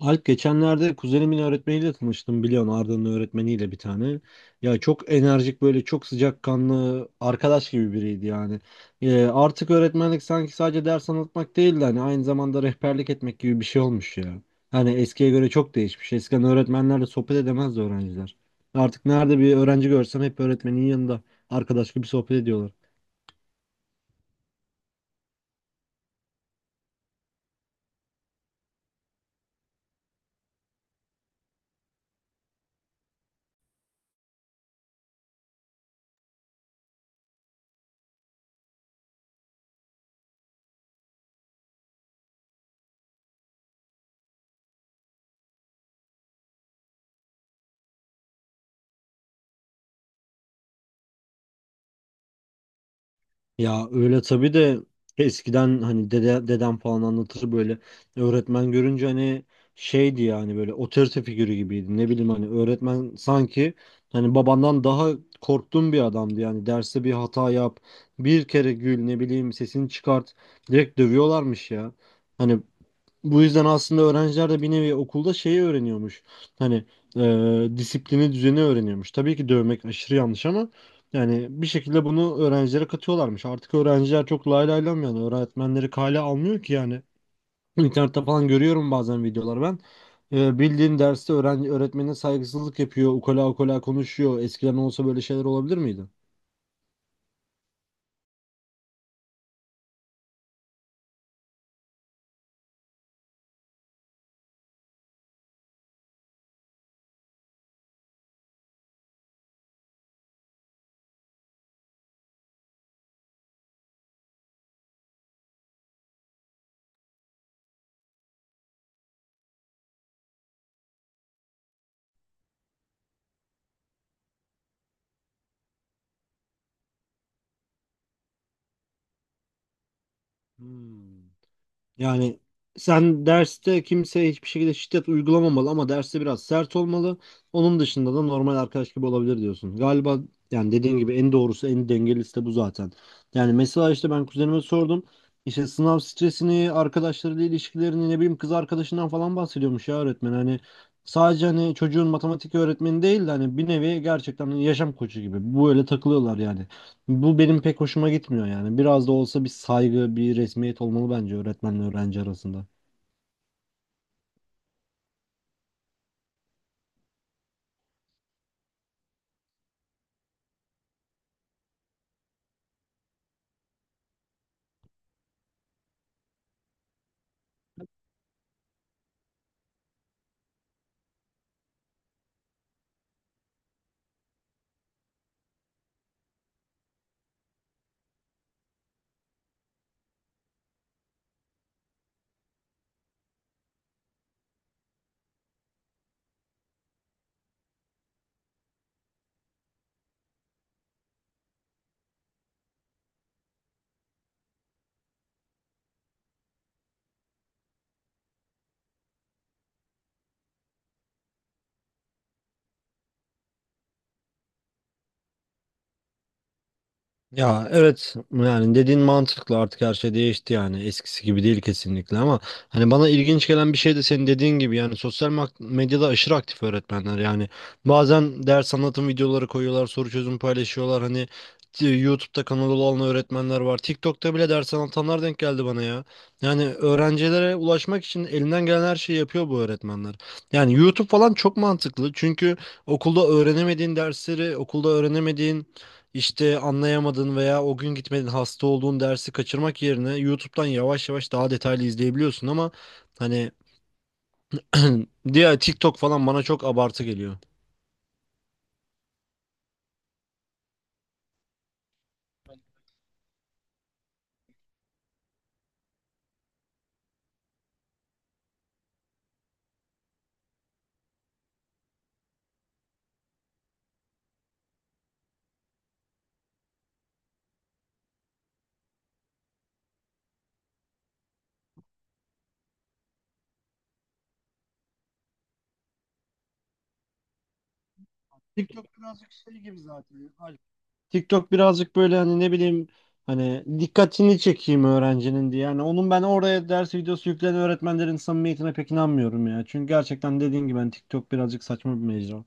Alp, geçenlerde kuzenimin öğretmeniyle tanıştım, biliyorsun, Arda'nın öğretmeniyle bir tane. Ya çok enerjik, böyle çok sıcakkanlı, arkadaş gibi biriydi yani. Artık öğretmenlik sanki sadece ders anlatmak değil de hani aynı zamanda rehberlik etmek gibi bir şey olmuş ya. Hani eskiye göre çok değişmiş. Eskiden öğretmenlerle sohbet edemezdi öğrenciler. Artık nerede bir öğrenci görsem hep öğretmenin yanında arkadaş gibi sohbet ediyorlar. Ya öyle tabii de eskiden hani dede, dedem falan anlatır böyle, öğretmen görünce hani şeydi yani, böyle otorite figürü gibiydi, ne bileyim, hani öğretmen sanki hani babandan daha korktuğum bir adamdı yani. Derste bir hata yap, bir kere gül, ne bileyim, sesini çıkart, direkt dövüyorlarmış ya. Hani bu yüzden aslında öğrenciler de bir nevi okulda şeyi öğreniyormuş. Hani disiplini, düzeni öğreniyormuş. Tabii ki dövmek aşırı yanlış ama yani bir şekilde bunu öğrencilere katıyorlarmış. Artık öğrenciler çok lay lay lam, yani öğretmenleri kale almıyor ki yani. İnternette falan görüyorum bazen videolar ben. Bildiğin derste öğrenci öğretmenine saygısızlık yapıyor, ukala ukala konuşuyor. Eskiden olsa böyle şeyler olabilir miydi? Hmm. Yani sen derste kimseye hiçbir şekilde şiddet uygulamamalı ama derste biraz sert olmalı. Onun dışında da normal arkadaş gibi olabilir diyorsun. Galiba yani dediğin gibi en doğrusu, en dengelisi de bu zaten. Yani mesela işte ben kuzenime sordum. İşte sınav stresini, arkadaşlarıyla ilişkilerini, ne bileyim, kız arkadaşından falan bahsediyormuş ya öğretmen. Hani sadece hani çocuğun matematik öğretmeni değil de hani bir nevi gerçekten yaşam koçu gibi. Bu öyle takılıyorlar yani. Bu benim pek hoşuma gitmiyor yani. Biraz da olsa bir saygı, bir resmiyet olmalı bence öğretmenle öğrenci arasında. Ya evet, yani dediğin mantıklı, artık her şey değişti, yani eskisi gibi değil kesinlikle. Ama hani bana ilginç gelen bir şey de senin dediğin gibi, yani sosyal medyada aşırı aktif öğretmenler yani. Bazen ders anlatım videoları koyuyorlar, soru çözüm paylaşıyorlar. Hani YouTube'da kanalı olan öğretmenler var, TikTok'ta bile ders anlatanlar denk geldi bana ya. Yani öğrencilere ulaşmak için elinden gelen her şeyi yapıyor bu öğretmenler. Yani YouTube falan çok mantıklı çünkü okulda öğrenemediğin dersleri, okulda öğrenemediğin, işte anlayamadın veya o gün gitmedin, hasta olduğun dersi kaçırmak yerine YouTube'dan yavaş yavaş daha detaylı izleyebiliyorsun. Ama hani diğer, TikTok falan bana çok abartı geliyor. TikTok birazcık şey gibi zaten, Alp. TikTok birazcık böyle, hani ne bileyim, hani dikkatini çekeyim öğrencinin diye. Yani onun, ben oraya ders videosu yükleyen öğretmenlerin samimiyetine pek inanmıyorum ya. Çünkü gerçekten dediğim gibi, ben TikTok birazcık saçma bir mecra.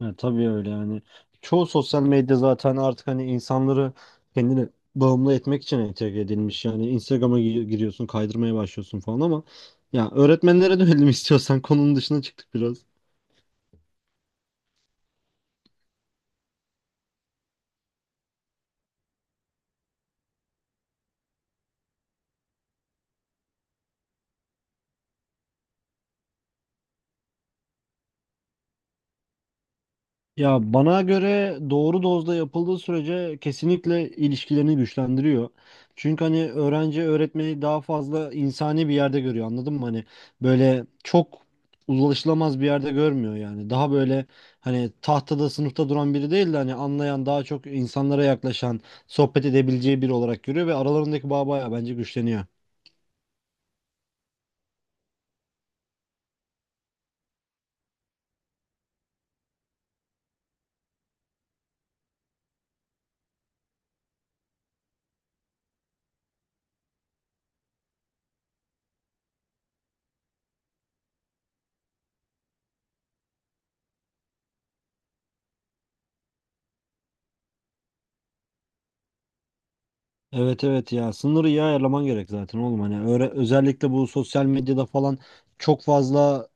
Ya tabii öyle yani. Çoğu sosyal medya zaten artık hani insanları kendine bağımlı etmek için entegre edilmiş. Yani Instagram'a giriyorsun, kaydırmaya başlıyorsun falan. Ama ya, öğretmenlere dönelim istiyorsan, konunun dışına çıktık biraz. Ya bana göre doğru dozda yapıldığı sürece kesinlikle ilişkilerini güçlendiriyor. Çünkü hani öğrenci öğretmeni daha fazla insani bir yerde görüyor, anladın mı? Hani böyle çok ulaşılamaz bir yerde görmüyor yani. Daha böyle hani tahtada, sınıfta duran biri değil de hani anlayan, daha çok insanlara yaklaşan, sohbet edebileceği biri olarak görüyor ve aralarındaki bağ bayağı bence güçleniyor. Evet, evet, ya sınırı iyi ayarlaman gerek zaten oğlum, hani öyle. Özellikle bu sosyal medyada falan çok fazla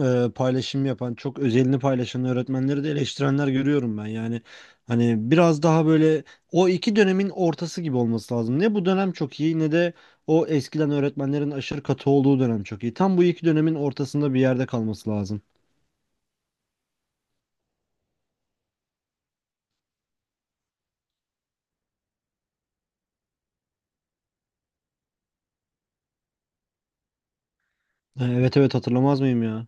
paylaşım yapan, çok özelini paylaşan öğretmenleri de eleştirenler görüyorum ben. Yani hani biraz daha böyle o iki dönemin ortası gibi olması lazım. Ne bu dönem çok iyi ne de o eskiden öğretmenlerin aşırı katı olduğu dönem çok iyi. Tam bu iki dönemin ortasında bir yerde kalması lazım. Evet, evet, hatırlamaz mıyım ya.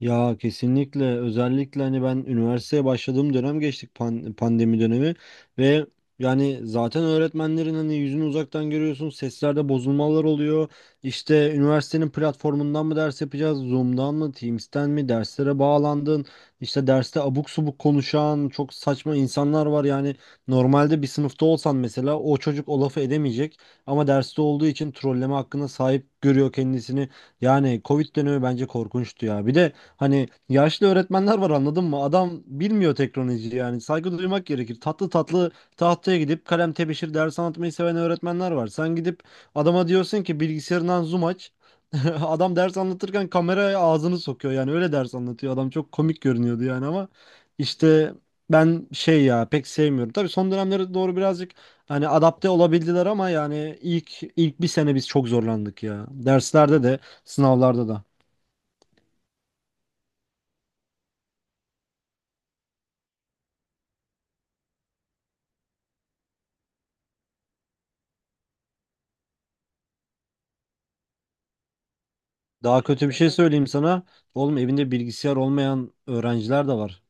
Ya kesinlikle, özellikle hani ben üniversiteye başladığım dönem geçtik pandemi dönemi. Ve yani zaten öğretmenlerin hani yüzünü uzaktan görüyorsun, seslerde bozulmalar oluyor, işte üniversitenin platformundan mı ders yapacağız, Zoom'dan mı, Teams'ten mi derslere bağlandın, işte derste abuk subuk konuşan çok saçma insanlar var yani. Normalde bir sınıfta olsan mesela o çocuk o lafı edemeyecek ama derste olduğu için trolleme hakkına sahip görüyor kendisini. Yani Covid dönemi bence korkunçtu ya. Bir de hani yaşlı öğretmenler var, anladın mı? Adam bilmiyor teknolojiyi yani. Saygı duymak gerekir. Tatlı tatlı tahtaya gidip kalem, tebeşir ders anlatmayı seven öğretmenler var. Sen gidip adama diyorsun ki bilgisayarından Zoom aç. Adam ders anlatırken kameraya ağzını sokuyor, yani öyle ders anlatıyor. Adam çok komik görünüyordu yani. Ama işte ben şey, ya pek sevmiyorum. Tabii son dönemlere doğru birazcık hani adapte olabildiler ama yani ilk bir sene biz çok zorlandık ya. Derslerde de sınavlarda da. Daha kötü bir şey söyleyeyim sana. Oğlum, evinde bilgisayar olmayan öğrenciler de var.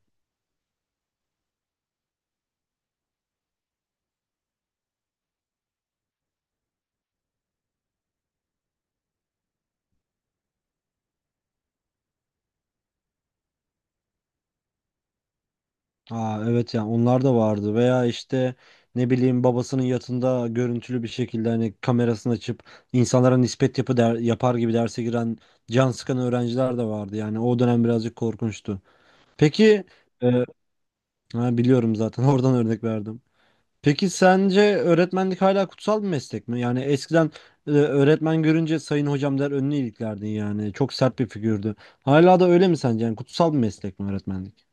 Aa evet, yani onlar da vardı. Veya işte, ne bileyim, babasının yatında görüntülü bir şekilde hani kamerasını açıp insanlara nispet yapar gibi derse giren, can sıkan öğrenciler de vardı. Yani o dönem birazcık korkunçtu. Peki e, ha, biliyorum zaten, oradan örnek verdim. Peki sence öğretmenlik hala kutsal bir meslek mi? Yani eskiden öğretmen görünce sayın hocam der, önünü iliklerdin yani. Çok sert bir figürdü. Hala da öyle mi sence? Yani kutsal bir meslek mi öğretmenlik?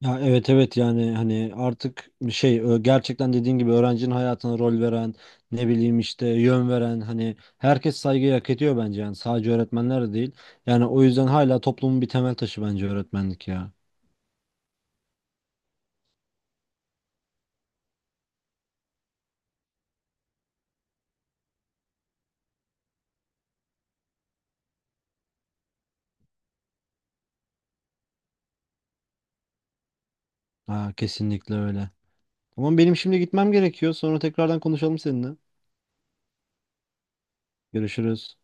Ya evet, evet, yani hani artık şey, gerçekten dediğin gibi öğrencinin hayatına rol veren, ne bileyim işte yön veren, hani herkes saygıyı hak ediyor bence, yani sadece öğretmenler de değil. Yani o yüzden hala toplumun bir temel taşı bence öğretmenlik ya. Ha, kesinlikle öyle. Ama benim şimdi gitmem gerekiyor. Sonra tekrardan konuşalım seninle. Görüşürüz.